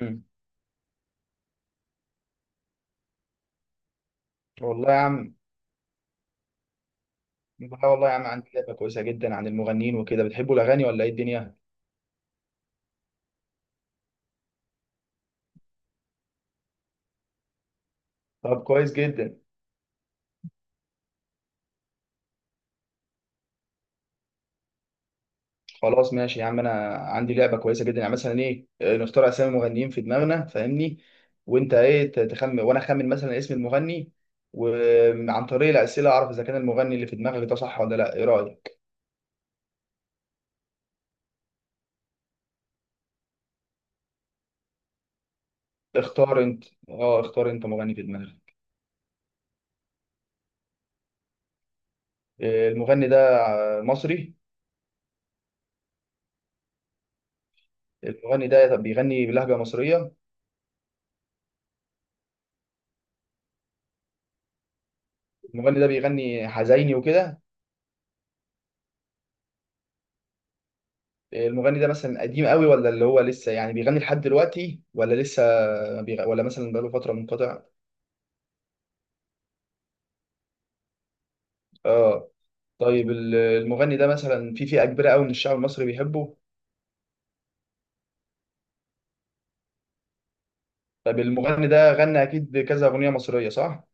مم. والله يا عم. والله والله يا عم، عندي لعبة كويسة جدا عن المغنيين وكده. بتحبوا الأغاني ولا إيه الدنيا؟ طب كويس جدا. خلاص ماشي يا عم، أنا عندي لعبة كويسة جدا، يعني مثلا إيه نختار أسامي مغنيين في دماغنا، فاهمني؟ وأنت إيه تخمن وأنا أخمن مثلا اسم المغني، وعن طريق الأسئلة أعرف إذا كان المغني اللي في دماغك ده صح ولا لأ. إيه رأيك؟ اختار أنت. أه، اختار أنت مغني في دماغك. المغني ده مصري؟ المغني ده طب بيغني بلهجة مصرية؟ المغني ده بيغني حزيني وكده؟ المغني ده مثلا قديم قوي، ولا اللي هو لسه يعني بيغني لحد دلوقتي، ولا لسه ولا مثلا بقاله فترة منقطع؟ اه. طيب المغني ده مثلا في فئة كبيرة قوي من الشعب المصري بيحبه؟ طيب المغني ده غنى اكيد كذا أغنية مصرية، صح؟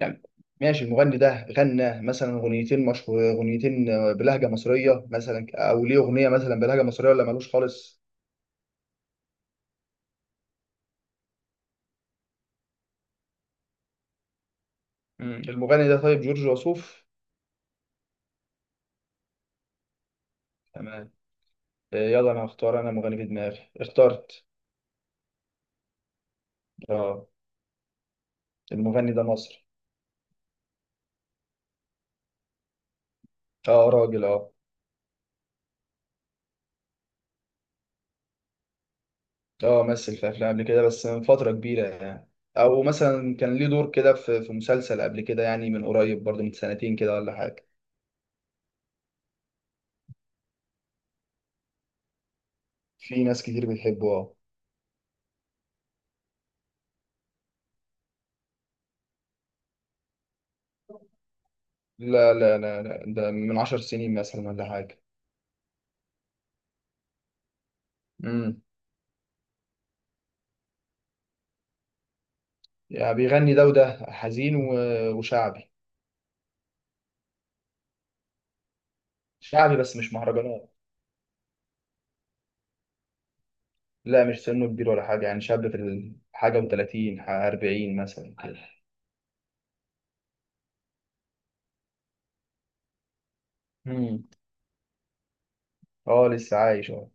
يعني ماشي، المغني ده غنى مثلا أغنيتين مشهور، أغنيتين بلهجة مصرية مثلا، او ليه أغنية مثلا بلهجة مصرية ولا مالوش خالص؟ مم. المغني ده طيب جورج وسوف؟ تمام. يلا انا هختار انا مغني في دماغي. اخترت. اه، المغني ده مصري. اه، راجل اه. اه، مثل في افلام قبل كده، بس من فتره كبيره يعني، او مثلا كان ليه دور كده في مسلسل قبل كده، يعني من قريب برضه، من سنتين كده ولا حاجه. في ناس كتير بتحبه اه. لا لا لا لا، ده من 10 سنين مثلا ولا حاجه. امم يعني بيغني ده وده، حزين وشعبي. شعبي بس مش مهرجانات. لا مش سنه كبير ولا حاجه، يعني شاب في حاجه، و30 40 مثلا كده. امم. اه، لسه عايش اه.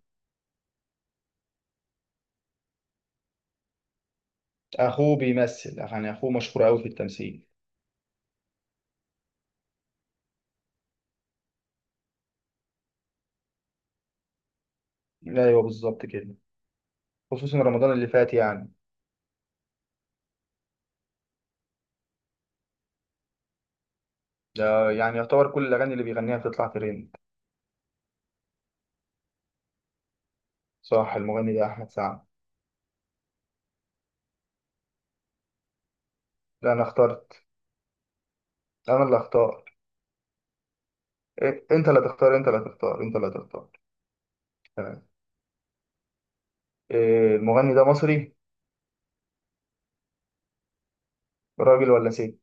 اخوه بيمثل، يعني اخوه مشهور قوي في التمثيل. ايوه بالظبط كده. خصوصا رمضان اللي فات يعني. ده يعني يعتبر كل الاغاني اللي بيغنيها بتطلع ترند. صح، المغني ده احمد سعد. لا انا اخترت. انا اللي اختار. إيه، انت اللي تختار انت اللي تختار انت اللي تختار. تمام. إيه، المغني ده مصري؟ راجل ولا ست؟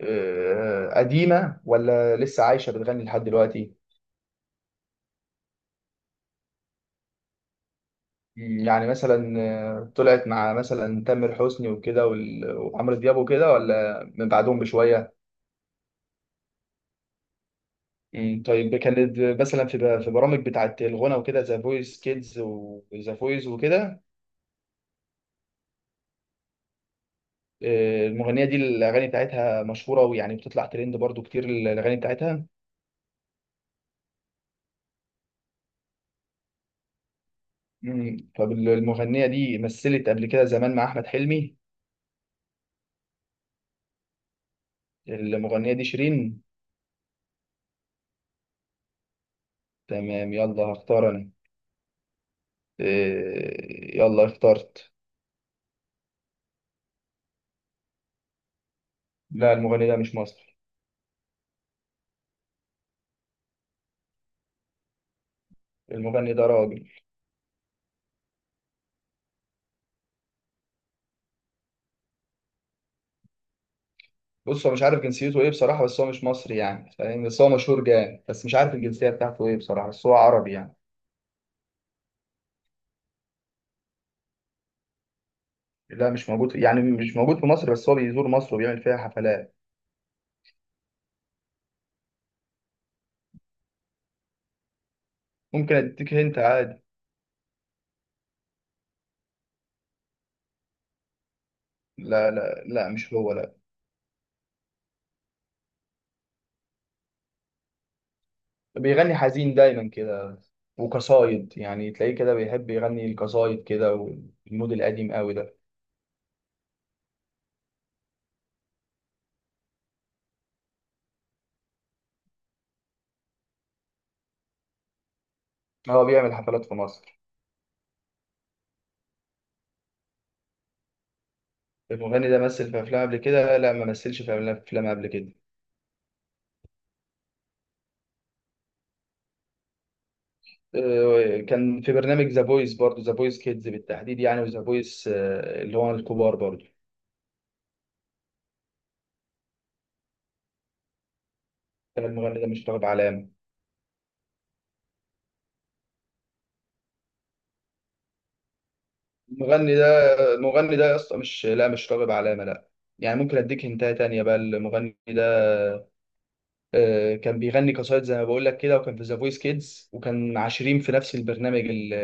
إيه، قديمة ولا لسه عايشة بتغني لحد دلوقتي؟ يعني مثلا طلعت مع مثلا تامر حسني وكده وعمرو دياب وكده، ولا من بعدهم بشوية؟ طيب كانت مثلا في في برامج بتاعت الغنى وكده، ذا فويس كيدز وذا فويس وكده؟ المغنيه دي الاغاني بتاعتها مشهوره، ويعني بتطلع ترند برضو كتير الاغاني بتاعتها. فالمغنيه دي مثلت قبل كده زمان مع احمد حلمي؟ المغنيه دي شيرين. تمام. يلا هختار انا. يلا اخترت. لا، المغني ده مش مصري. المغني ده راجل. بص، هو مش عارف جنسيته ايه بصراحه، بس هو مش مصري يعني، فاهم؟ بس هو مشهور جامد، بس مش عارف الجنسيه بتاعته ايه بصراحه، بس هو عربي يعني. لا مش موجود، يعني مش موجود في مصر، بس هو بيزور مصر وبيعمل فيها حفلات. ممكن اديك هنت عادي. لا لا لا، مش هو لا. بيغني حزين دايما كده، وقصايد، يعني تلاقيه كده بيحب يغني القصايد كده، والمود القديم قوي ده. هو بيعمل حفلات في مصر. المغني ده مثل في افلام قبل كده؟ لا، ما مثلش في افلام قبل كده. كان في برنامج ذا فويس برضه، ذا فويس كيدز بالتحديد يعني، وذا فويس اللي هو الكبار برضه. كان المغني ده مش طالب علامة. المغني ده المغني ده يا اسطى مش، لا مش راغب علامة، لا. يعني ممكن اديك هنتايه تانية بقى. المغني ده كان بيغني قصايد زي ما بقول لك كده، وكان في ذا فويس كيدز، وكان 20 في نفس البرنامج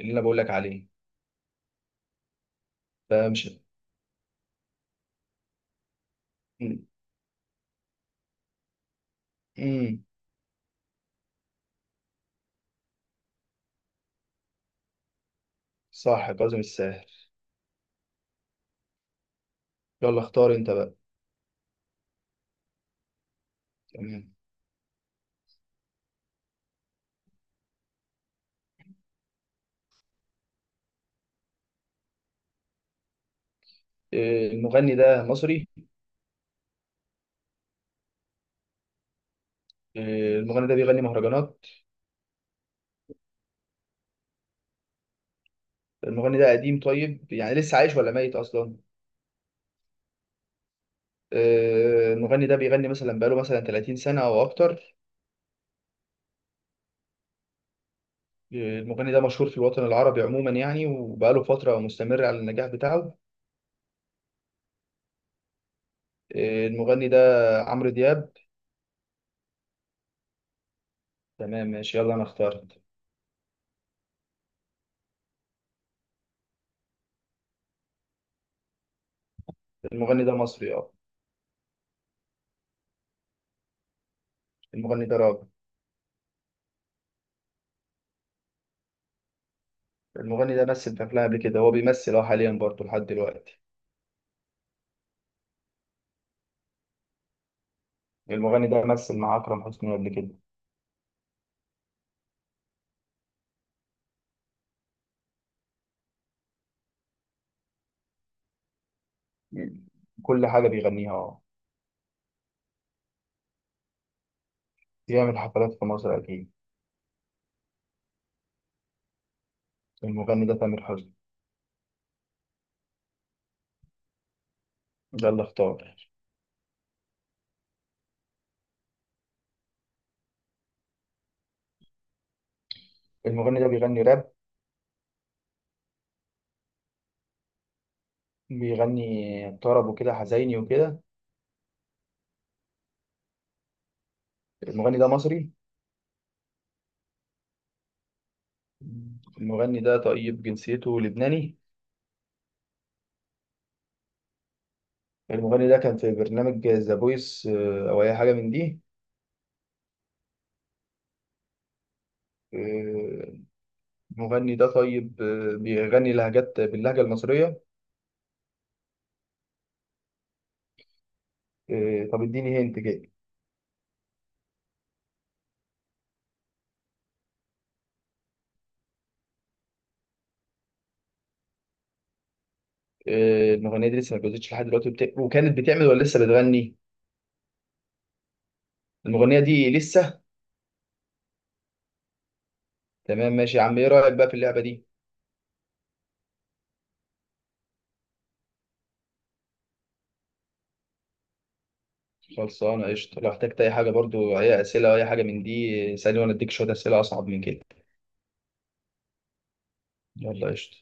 اللي انا بقول لك عليه. فمش. مم. مم. صح، كاظم الساهر. يلا اختار انت بقى. تمام. المغني ده مصري؟ المغني ده بيغني مهرجانات؟ المغني ده قديم؟ طيب يعني لسه عايش ولا ميت اصلا؟ المغني ده بيغني مثلا بقاله مثلا 30 سنة او اكتر؟ المغني ده مشهور في الوطن العربي عموما يعني، وبقاله فترة مستمر على النجاح بتاعه. المغني ده عمرو دياب. تمام ماشي. يلا أنا اخترت. المغني ده مصري اه. المغني ده راجل. المغني ده مثل في أفلام قبل كده، هو بيمثل اه حاليا برضه لحد دلوقتي. المغني ده مثل مع أكرم حسني قبل كده. كل حاجة بيغنيها اه. بيعمل حفلات في مصر أكيد. المغني ده تامر حسني. يلا اختار. المغني ده بيغني راب؟ بيغني طرب وكده حزيني وكده. المغني ده مصري؟ المغني ده طيب جنسيته لبناني؟ المغني ده كان في برنامج ذا فويس او اي حاجه من دي؟ آه، المغني ده طيب بيغني لهجات باللهجه المصريه؟ طب اديني هنت كده. المغنيه دي لسه ما اتجوزتش لحد دلوقتي، وكانت بتعمل ولا لسه بتغني؟ المغنيه دي لسه. تمام ماشي يا عم، ايه رايك بقى في اللعبه دي؟ خلصانه قشطه. لو احتجت اي حاجه برضو، اي اسئله او اي حاجه من دي، اسالني وانا اديك شويه اسئله اصعب من كده. يلا قشطه.